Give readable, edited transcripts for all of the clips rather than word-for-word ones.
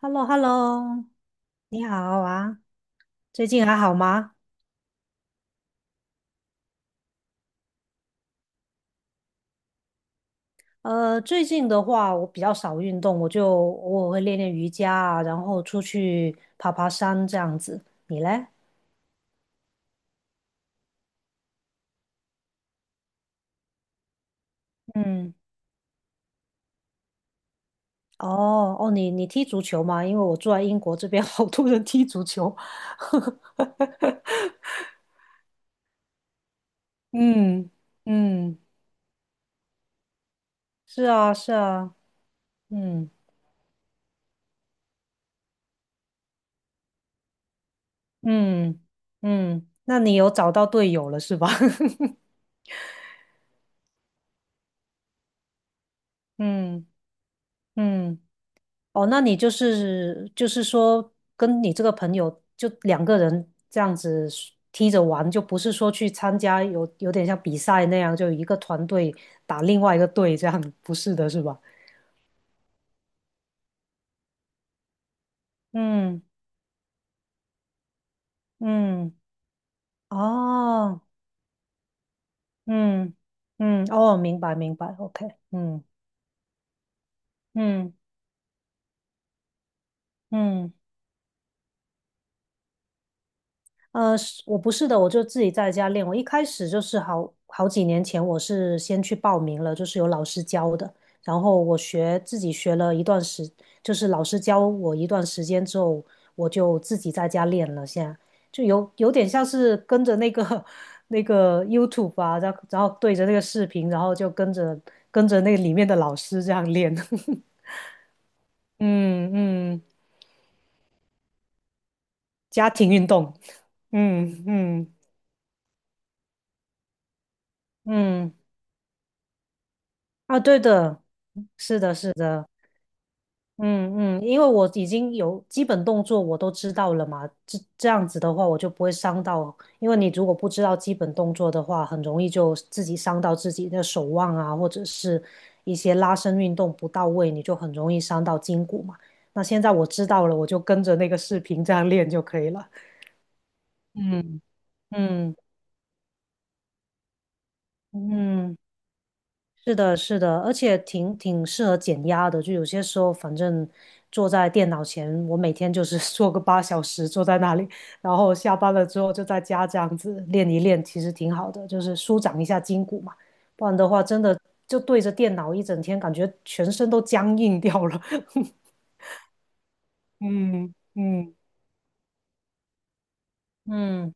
h e l l o h e l l o 你好啊，最近还好吗？最近的话，我比较少运动，我就偶尔会练练瑜伽啊，然后出去爬爬山这样子。你嘞？嗯，哦哦，你踢足球吗？因为我住在英国这边 好多人踢足球。嗯嗯，是啊是啊，嗯嗯嗯，那你有找到队友了是吧？嗯嗯。哦，那你就是说，跟你这个朋友就两个人这样子踢着玩，就不是说去参加有点像比赛那样，就一个团队打另外一个队这样，不是的，是吧？嗯嗯，哦，嗯嗯，哦，明白明白，OK，嗯嗯嗯。呃，是我不是的，我就自己在家练。我一开始就是好几年前，我是先去报名了，就是有老师教的。然后自己学了一段时，就是老师教我一段时间之后，我就自己在家练了。现在就有点像是跟着那个 那个 YouTube 啊，然后对着那个视频，然后就跟着跟着那里面的老师这样练。嗯，家庭运动。嗯嗯嗯。啊，对的，是的，是的，嗯，因为我已经有基本动作我都知道了嘛，这样子的话我就不会伤到，因为你如果不知道基本动作的话，很容易就自己伤到自己的手腕啊，或者是一些拉伸运动不到位，你就很容易伤到筋骨嘛。那现在我知道了，我就跟着那个视频这样练就可以了。嗯嗯嗯。是的，是的，而且挺适合减压的。就有些时候，反正坐在电脑前，我每天就是 坐个八小时，坐在那里，然后下班了之后就在家这样子练一练，其实挺好的，就是舒展一下筋骨嘛。不然的话，真的就对着电脑一整天，感觉全身都僵硬掉了。嗯嗯。嗯。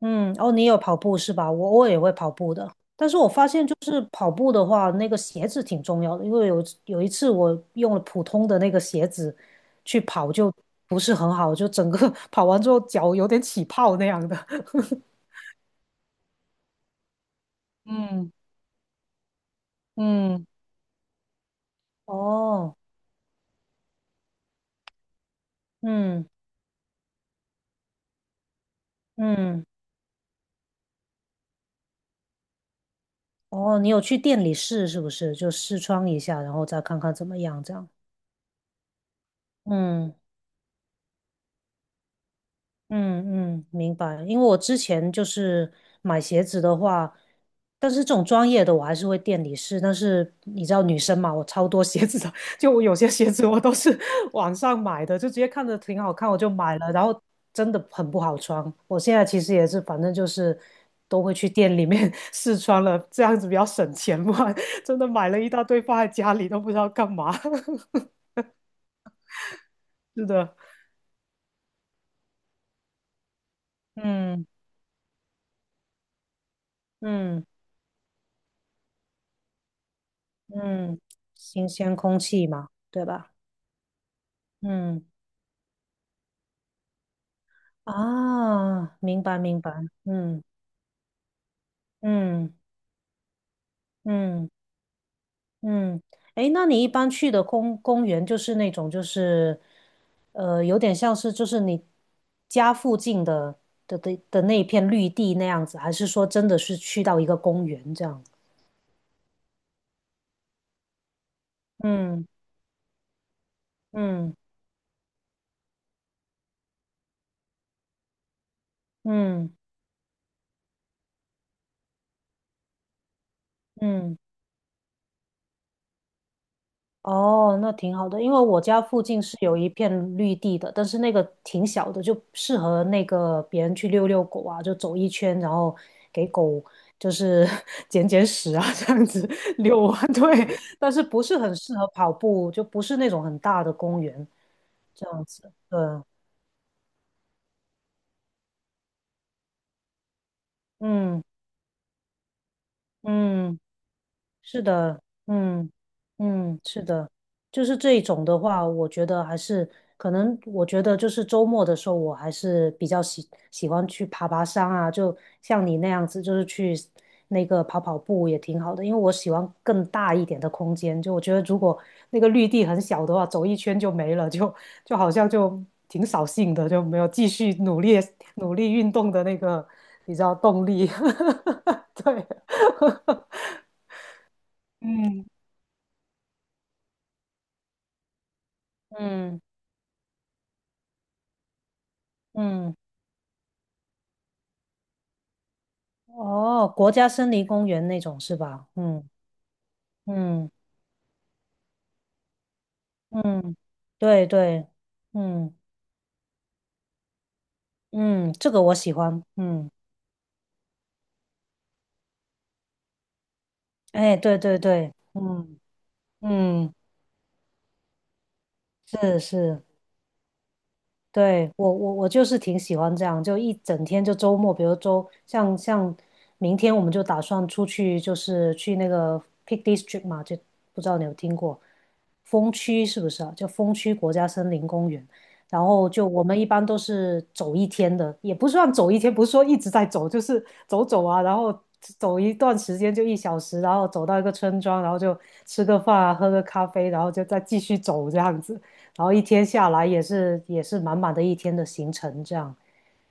嗯，哦，你有跑步是吧？我偶尔也会跑步的，但是我发现就是跑步的话，那个鞋子挺重要的，因为有一次我用了普通的那个鞋子去跑，就不是很好，就整个 跑完之后脚有点起泡那样的。嗯嗯，哦，嗯嗯，哦，你有去店里试是不是？就试穿一下，然后再看看怎么样，这样。嗯。嗯，明白。因为我之前就是买鞋子的话，但是这种专业的我还是会店里试。但是你知道女生嘛，我超多鞋子的，就我有些鞋子我都是 网上买的，就直接看着挺好看我就买了，然后真的很不好穿。我现在其实也是，反正就是都会去店里面 试穿了，这样子比较省钱嘛。真的买了一大堆放在家里都不知道干嘛。是的，嗯嗯嗯，新鲜空气嘛，对吧？嗯，啊，明白明白，嗯嗯嗯嗯，诶，那你一般去的公园就是那种就是，呃，有点像是就是你家附近的的那一片绿地那样子，还是说真的是去到一个公园这样？嗯嗯嗯嗯哦，那挺好的，因为我家附近是有一片绿地的，但是那个挺小的，就适合那个别人去遛遛狗啊，就走一圈，然后给狗就是 捡捡屎啊，这样子 遛啊，对，但是不是很适合跑步，就不是那种很大的公园这样子，对，嗯嗯。是的，嗯嗯，是的，就是这一种的话，我觉得还是可能，我觉得就是周末的时候，我还是比较喜欢去爬爬山啊，就像你那样子，就是去那个跑跑步也挺好的，因为我喜欢更大一点的空间，就我觉得如果那个绿地很小的话，走一圈就没了，就好像就挺扫兴的，就没有继续努力运动的那个，你知道动力，对。嗯嗯嗯，哦，国家森林公园那种是吧？嗯嗯嗯，对对，嗯嗯，这个我喜欢，嗯，哎，对对对，嗯嗯，是是。对，我我就是挺喜欢这样，就一整天就周末，比如像明天我们就打算出去，就是去那个 Peak District 嘛，就不知道你有听过风区是不是啊？就风区国家森林公园，然后就我们一般都是走一天的，也不算走一天，不是说一直在走，就是走走啊，然后走一段时间就一小时，然后走到一个村庄，然后就吃个饭啊，喝个咖啡，然后就再继续走这样子。然后一天下来也是满满的一天的行程，这样，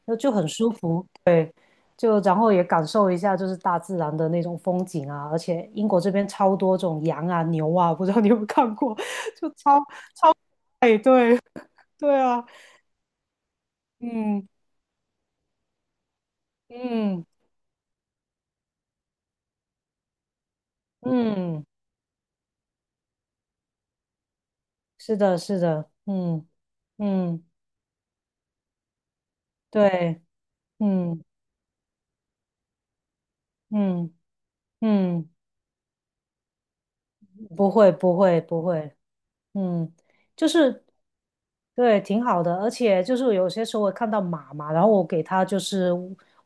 那就很舒服，对，就然后也感受一下就是大自然的那种风景啊，而且英国这边超多这种羊啊牛啊，不知道你有没有看过，就超，哎，对对啊，嗯嗯嗯，是的，是的，嗯嗯，对，嗯嗯嗯，不会不会，嗯，就是对，挺好的，而且就是有些时候我看到马嘛，然后我给它就是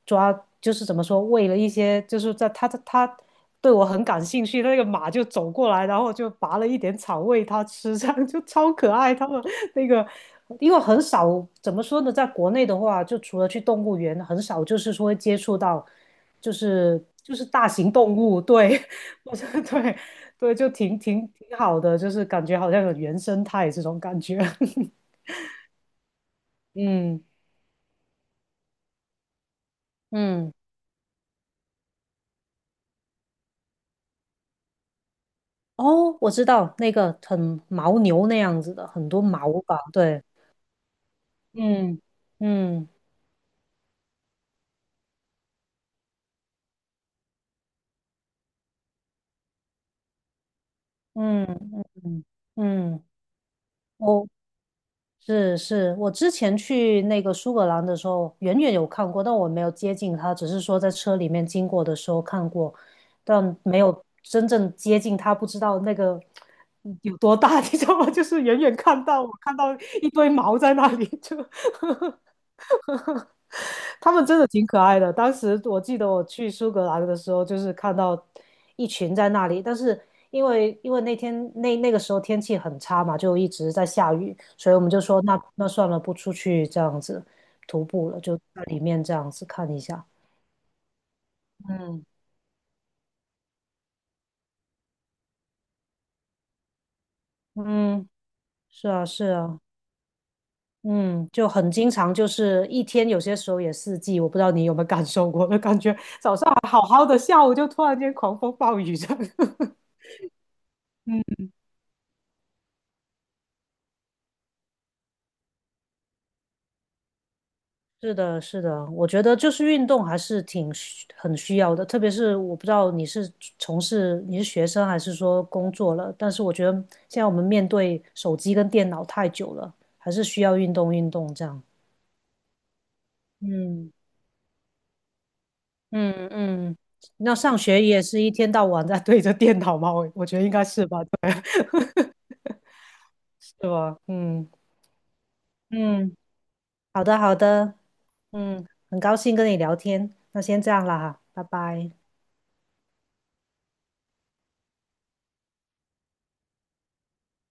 抓，就是怎么说，喂了一些，就是在它对我很感兴趣，那个马就走过来，然后我就拔了一点草喂它吃，这样就超可爱。他们那个，因为很少怎么说呢，在国内的话，就除了去动物园，很少就是说会接触到，就是大型动物，对，我觉得对，对，就挺挺好的，就是感觉好像有原生态这种感觉。嗯嗯，哦，我知道那个很牦牛那样子的，很多毛吧？对，嗯嗯嗯，嗯，嗯是是，我之前去那个苏格兰的时候，远远有看过，但我没有接近它，只是说在车里面经过的时候看过，但没有真正接近它，不知道那个嗯有多大，你知道吗？就是远远看到，我看到一堆毛在那里，就他们真的挺可爱的。当时我记得我去苏格兰的时候，就是看到一群在那里，但是因为那天那个时候天气很差嘛，就一直在下雨，所以我们就说那算了，不出去这样子徒步了，就在里面这样子看一下。嗯，嗯，是啊，是啊，嗯，就很经常就是一天，有些时候也四季，我不知道你有没有感受过，就感觉早上还好好的，下午就突然间狂风暴雨这样。是的，是的，我觉得就是运动还是很需要的，特别是我不知道从事你是学生还是说工作了，但是我觉得现在我们面对手机跟电脑太久了，还是需要运动运动这样。嗯嗯，那上学也是一天到晚在对着电脑吗？我觉得应该是吧，对是吧？嗯嗯，好的好的，嗯，很高兴跟你聊天，那先这样了哈，拜拜。